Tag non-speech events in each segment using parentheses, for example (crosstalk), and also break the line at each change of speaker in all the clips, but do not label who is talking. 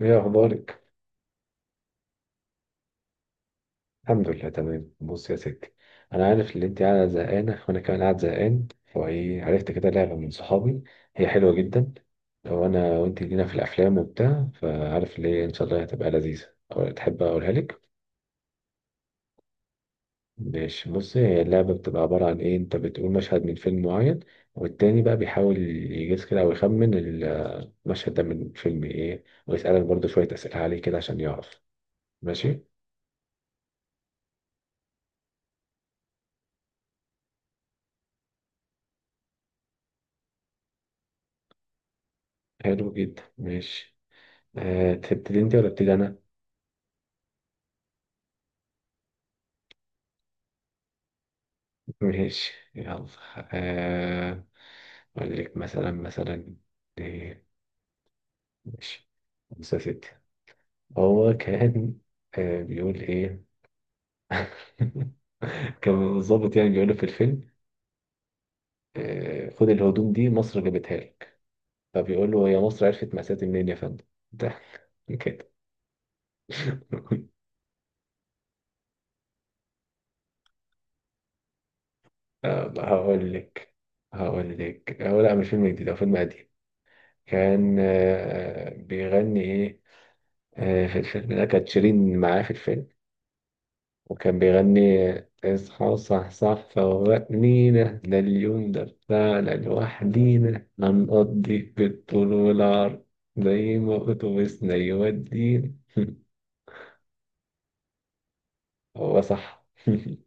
ايه اخبارك؟ الحمد لله تمام. بص يا ستي، انا عارف ان انت قاعده زهقانه وانا كمان قاعد زهقان، فايه؟ عرفت كده لعبه من صحابي، هي حلوه جدا. لو انا وانت لينا في الافلام وبتاع، فعارف ليه، ان شاء الله هتبقى لذيذه. أو تحب اقولها لك؟ ماشي، بصي، هي اللعبه بتبقى عباره عن ايه، انت بتقول مشهد من فيلم معين، والتاني بقى بيحاول يجيز كده او يخمن المشهد ده من فيلم ايه، ويسالك برضه شويه اسئله عليه كده عشان يعرف. ماشي. حلو جدا. ماشي. أه، تبتدي انت ولا ابتدي انا؟ ماشي يلا. آه، أقول لك مثلا، مثلا إيه؟ ماشي. خمسة ستة، هو كان، بيقول إيه؟ (laughs) كان الضابط يعني بيقول له في الفيلم، خد الهدوم دي، مصر جابتها لك. فبيقول له، هي مصر عرفت مأساتي منين يا فندم؟ (laughs) ده كده. آه، هقول لك هقول لك هو لا، مش فيلم جديد، هو فيلم قديم. كان بيغني إيه؟ في الفيلم ده كانت شيرين معاه في الفيلم، وكان بيغني: اصحى صح صح فوقنينا، ده اليوم ده بتاعنا لوحدينا، هنقضي بالطول والعرض زي ما أتوبيسنا يودينا. (laughs) هو صح. (laughs)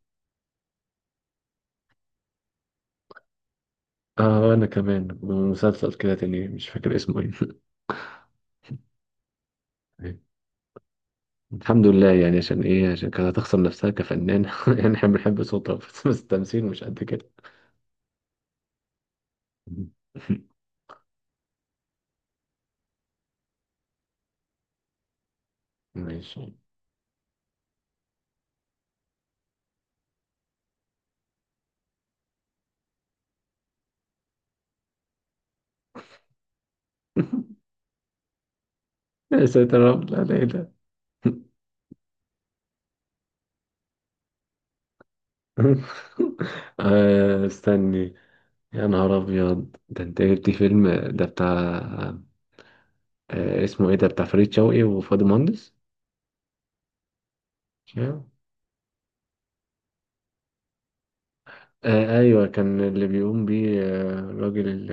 اه انا كمان مسلسل كده تاني، مش فاكر اسمه ايه. (laughs) الحمد لله يعني، عشان ايه؟ عشان كانت هتخسر نفسها كفنانة. (laughs) يعني احنا بنحب صوتها بس، بس التمثيل مش قد كده. (laughs) ماشي. (laughs) يا ساتر يا رب، لا لا لا. (laughs) (laughs) استني، يا نهار ابيض، ده انت جبت فيلم! ده بتاع اسمه ايه، ده بتاع فريد شوقي وفؤاد المهندس. آه، ايوه، كان اللي بيقوم بيه الراجل ال-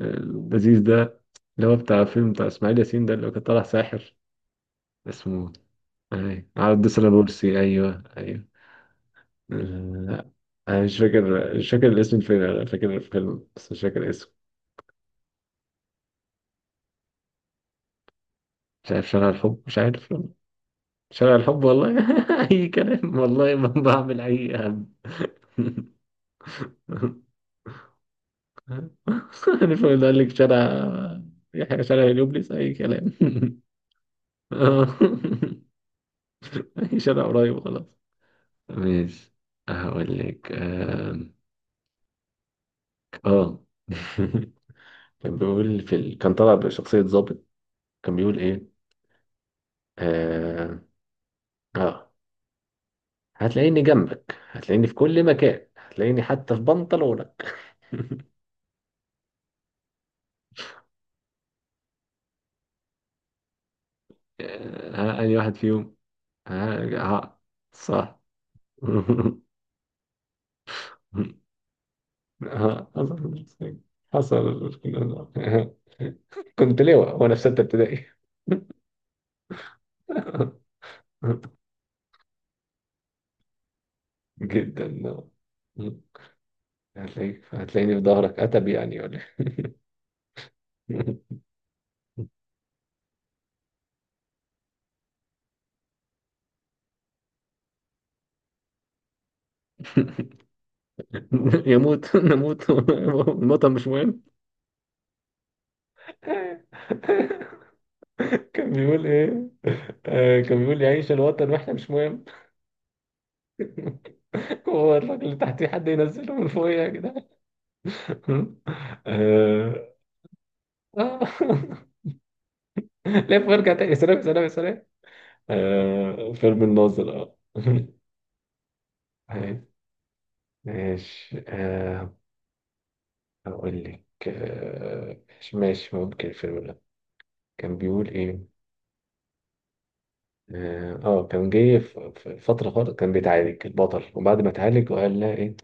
اللذيذ ده، اللي هو بتاع فيلم بتاع اسماعيل ياسين ده اللي كان طالع ساحر. اسمه ايوه عبد البورسي، ايوه ايوه. آه، لا، انا مش فاكر الاسم، الفيلم انا فاكر الفيلم بس مش فاكر اسمه. مش عارف، شارع الحب، مش عارف. شارع الحب والله. (laughs) أي كلام والله، ما بعمل أي هم. (laughs) يعني فقلت قال لك شارع يحيى، شارع هليوبلس، أي كلام. (laughs) آه. (laughs) أي شارع قريب خلاص. ماشي. هقول لك اه. (laughs) كان بيقول في ال... كان طالع بشخصية ضابط، كان بيقول ايه؟ اه, آه. هتلاقيني جنبك، هتلاقيني في كل مكان، هتلاقيني حتى في بنطلونك. آه، ها، أي واحد فيهم. (laughs) آه آه، صح. (laughs) آه، حصل. حصل. (laughs) كنت لواء وأنا في ستة ابتدائي. (laughs) جدا. هتلاقيك هتلاقيني في ظهرك، أتب يعني ولا إيه؟ (laughs) يموت نموت (laughs) الوطن مش مهم. (laughs) كان بيقول ايه؟ آه، كان بيقول يعيش الوطن واحنا مش مهم. (laughs) هو الراجل اللي تحتيه حد ينزله من فوقيه كده. (laughs) آه. آه. لف وارجع تاني، سلام سلام سلام. آه، فيلم الناظر، اه. (laughs) طيب، ماشي. آه، هقول لك آه، ماشي ماشي، ممكن الفيلم ده. كان بيقول ايه؟ اه، كان جاي في فترة خالص، كان بيتعالج البطل، وبعد ما اتعالج وقال لها ايه؟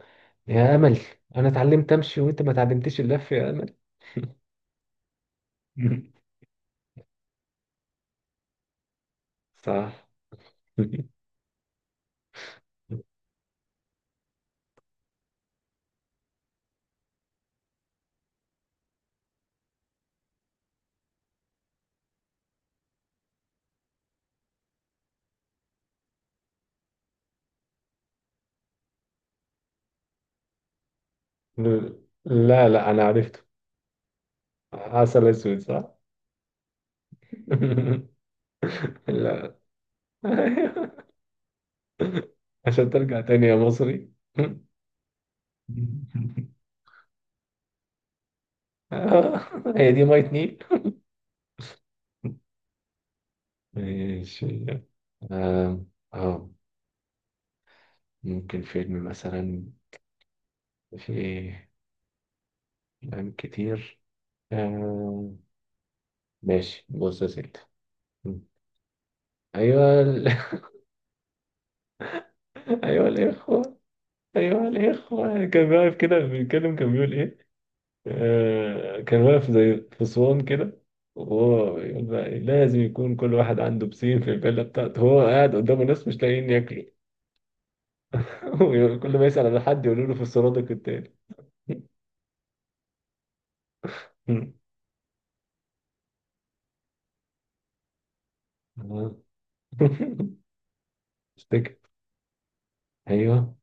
يا امل، انا اتعلمت امشي وانت ما اتعلمتيش اللف يا امل. (laughs) صح. (laughs) لا لا، انا عرفته، عسل اسود صح؟ (laughs) لا. (laughs) (laughs) عشان ترجع تاني يا مصري. (laughs) آه، هي دي مية نيل. ماشي. آه. آه. ممكن فيلم مثلا، في أفلام كتير. آه. ماشي، بص يا سيدي. أيوة ال... (laughs) أيوة الإخوة، أيوة الإخوة كان واقف كده بيتكلم، كان بيقول إيه؟ آه، كان واقف زي فصوان كده، وهو يقول بقى إيه؟ لازم يكون كل واحد عنده بسين في الفيلا بتاعته، هو قاعد قدامه ناس مش لاقيين ياكلوا. (laughs) ويقول- كل ما يسأل على حد يقولوا له في السرادق التاني. (laughs) آه. (laughs) افتكر. ايوه،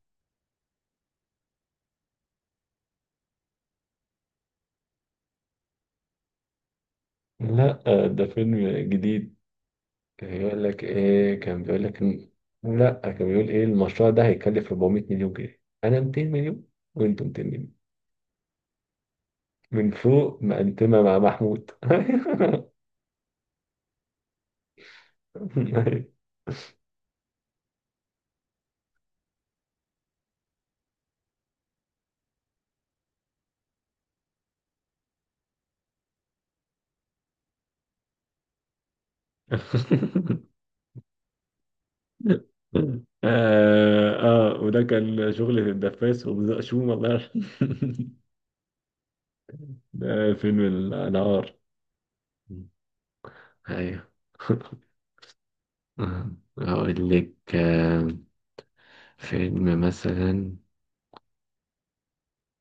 لا آه، ده فيلم جديد. كان بيقول لك ايه؟ كان بيقول لك إن- لا كان بيقول ايه، المشروع ده هيكلف 400 مليون جنيه، انا 200 مليون وانتوا 200 مليون. من فوق مقدمة مع محمود. (laughs) (laughs) آه, اه، وده كان شغل في الدفاس وبزقشوم الله يرحمه. (laughs) ده فيلم النهار. ايوه. (laughs) هقول لك فيلم مثلا،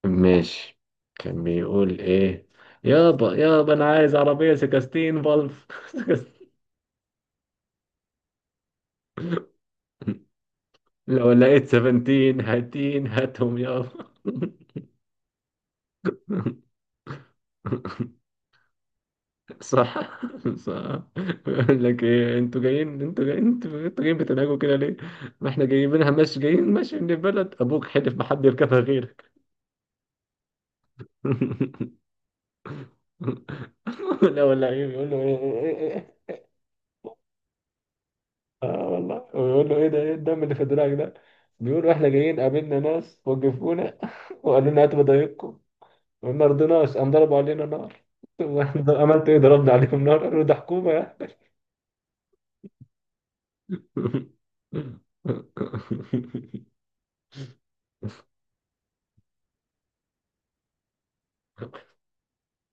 ماشي. كان بيقول ايه؟ يابا يابا انا عايز عربية سكستين فالف. (laughs) سكستين، لو لقيت سفنتين هاتين هاتهم يابا. (laughs) صح. (laughs) صح. يقول لك ايه، انتوا جايين، انتوا جايين، انتوا جايين بتنهجوا كده ليه؟ ما احنا جايبينها ماشي، جايين ماشي من البلد، ابوك حلف ما حد يركبها غيرك. (laughs) لا ولا ايه، بيقول له ايه ايه ايه ايه إيه. اه والله، ويقول له ايه ده، ايه الدم اللي في دراعك ده؟ بيقولوا احنا جايين قابلنا ناس وقفونا (laughs) وقالوا لنا هاتوا بضايقكم، وما رضيناش، قام ضربوا علينا نار. (laughs) واحنا عملت ايه؟ ضربنا عليهم نار، قالوا ده حكومة يعني.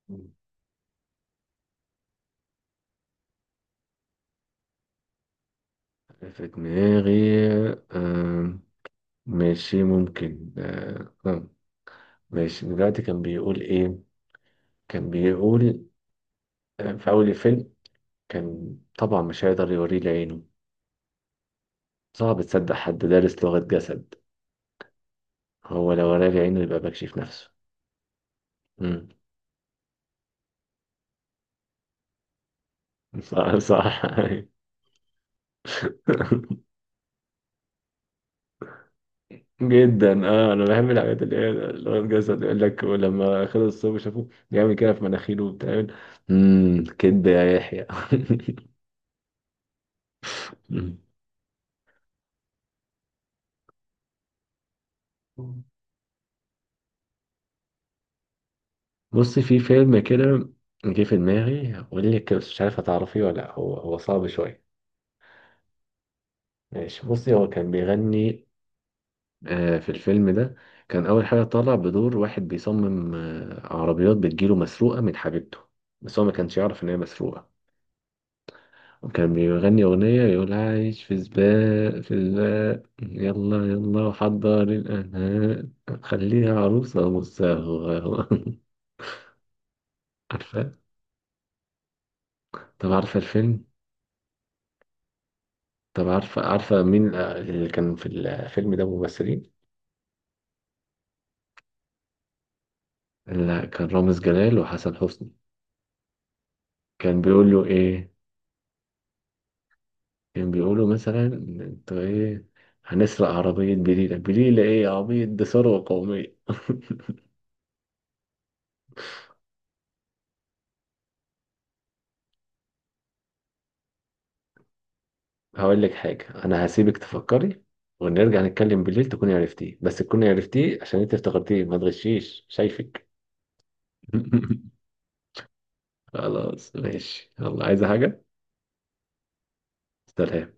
(laughs) في دماغي. آه، ماشي، ممكن. ماشي، دلوقتي كان بيقول إيه؟ كان بيقول آه، في أول الفيلم، كان طبعا مش هيقدر يوريه لعينه، صعب تصدق حد دارس لغة جسد، هو لو وراه لعينه يبقى بكشف نفسه. مم. صح صح. (laughs) جدا، اه انا بحب الحاجات اللي هي لغة جسد، يقول لك ولما خلص الصوب شافوه بيعمل كده في مناخيره وبتاع. امم، كدب يا يحيى. (laughs) مم. بص، في فيلم كده جه في دماغي اقول لك، بس مش عارف هتعرفيه ولا لأ، هو صعب شويه. ماشي، بصي هو كان بيغني في الفيلم ده، كان اول حاجه طالع بدور واحد بيصمم عربيات بتجيله مسروقه من حبيبته، بس هو ما كانش يعرف ان هي مسروقه، وكان بيغني اغنيه يقول: عايش في سباق في سباق يلا يلا وحضر الانهاء، خليها عروسه مصاغه. (laughs) عارفه؟ طب عارفه الفيلم؟ طب عارفة، عارفة مين اللي كان في الفيلم ده ممثلين؟ لا، كان رامز جلال وحسن حسني. كان بيقول له إيه؟ كان بيقول له مثلا أنتوا إيه، هنسرق عربية بليلة بليلة، إيه يا عبيط، دي ثروة قومية. (laughs) هقول لك حاجة، أنا هسيبك تفكري، ونرجع نتكلم بالليل تكوني عرفتيه، بس تكوني عرفتيه عشان أنت افتكرتيه، ما تغشيش شايفك. (laughs) خلاص ماشي يلا، عايزة حاجة؟ سلام.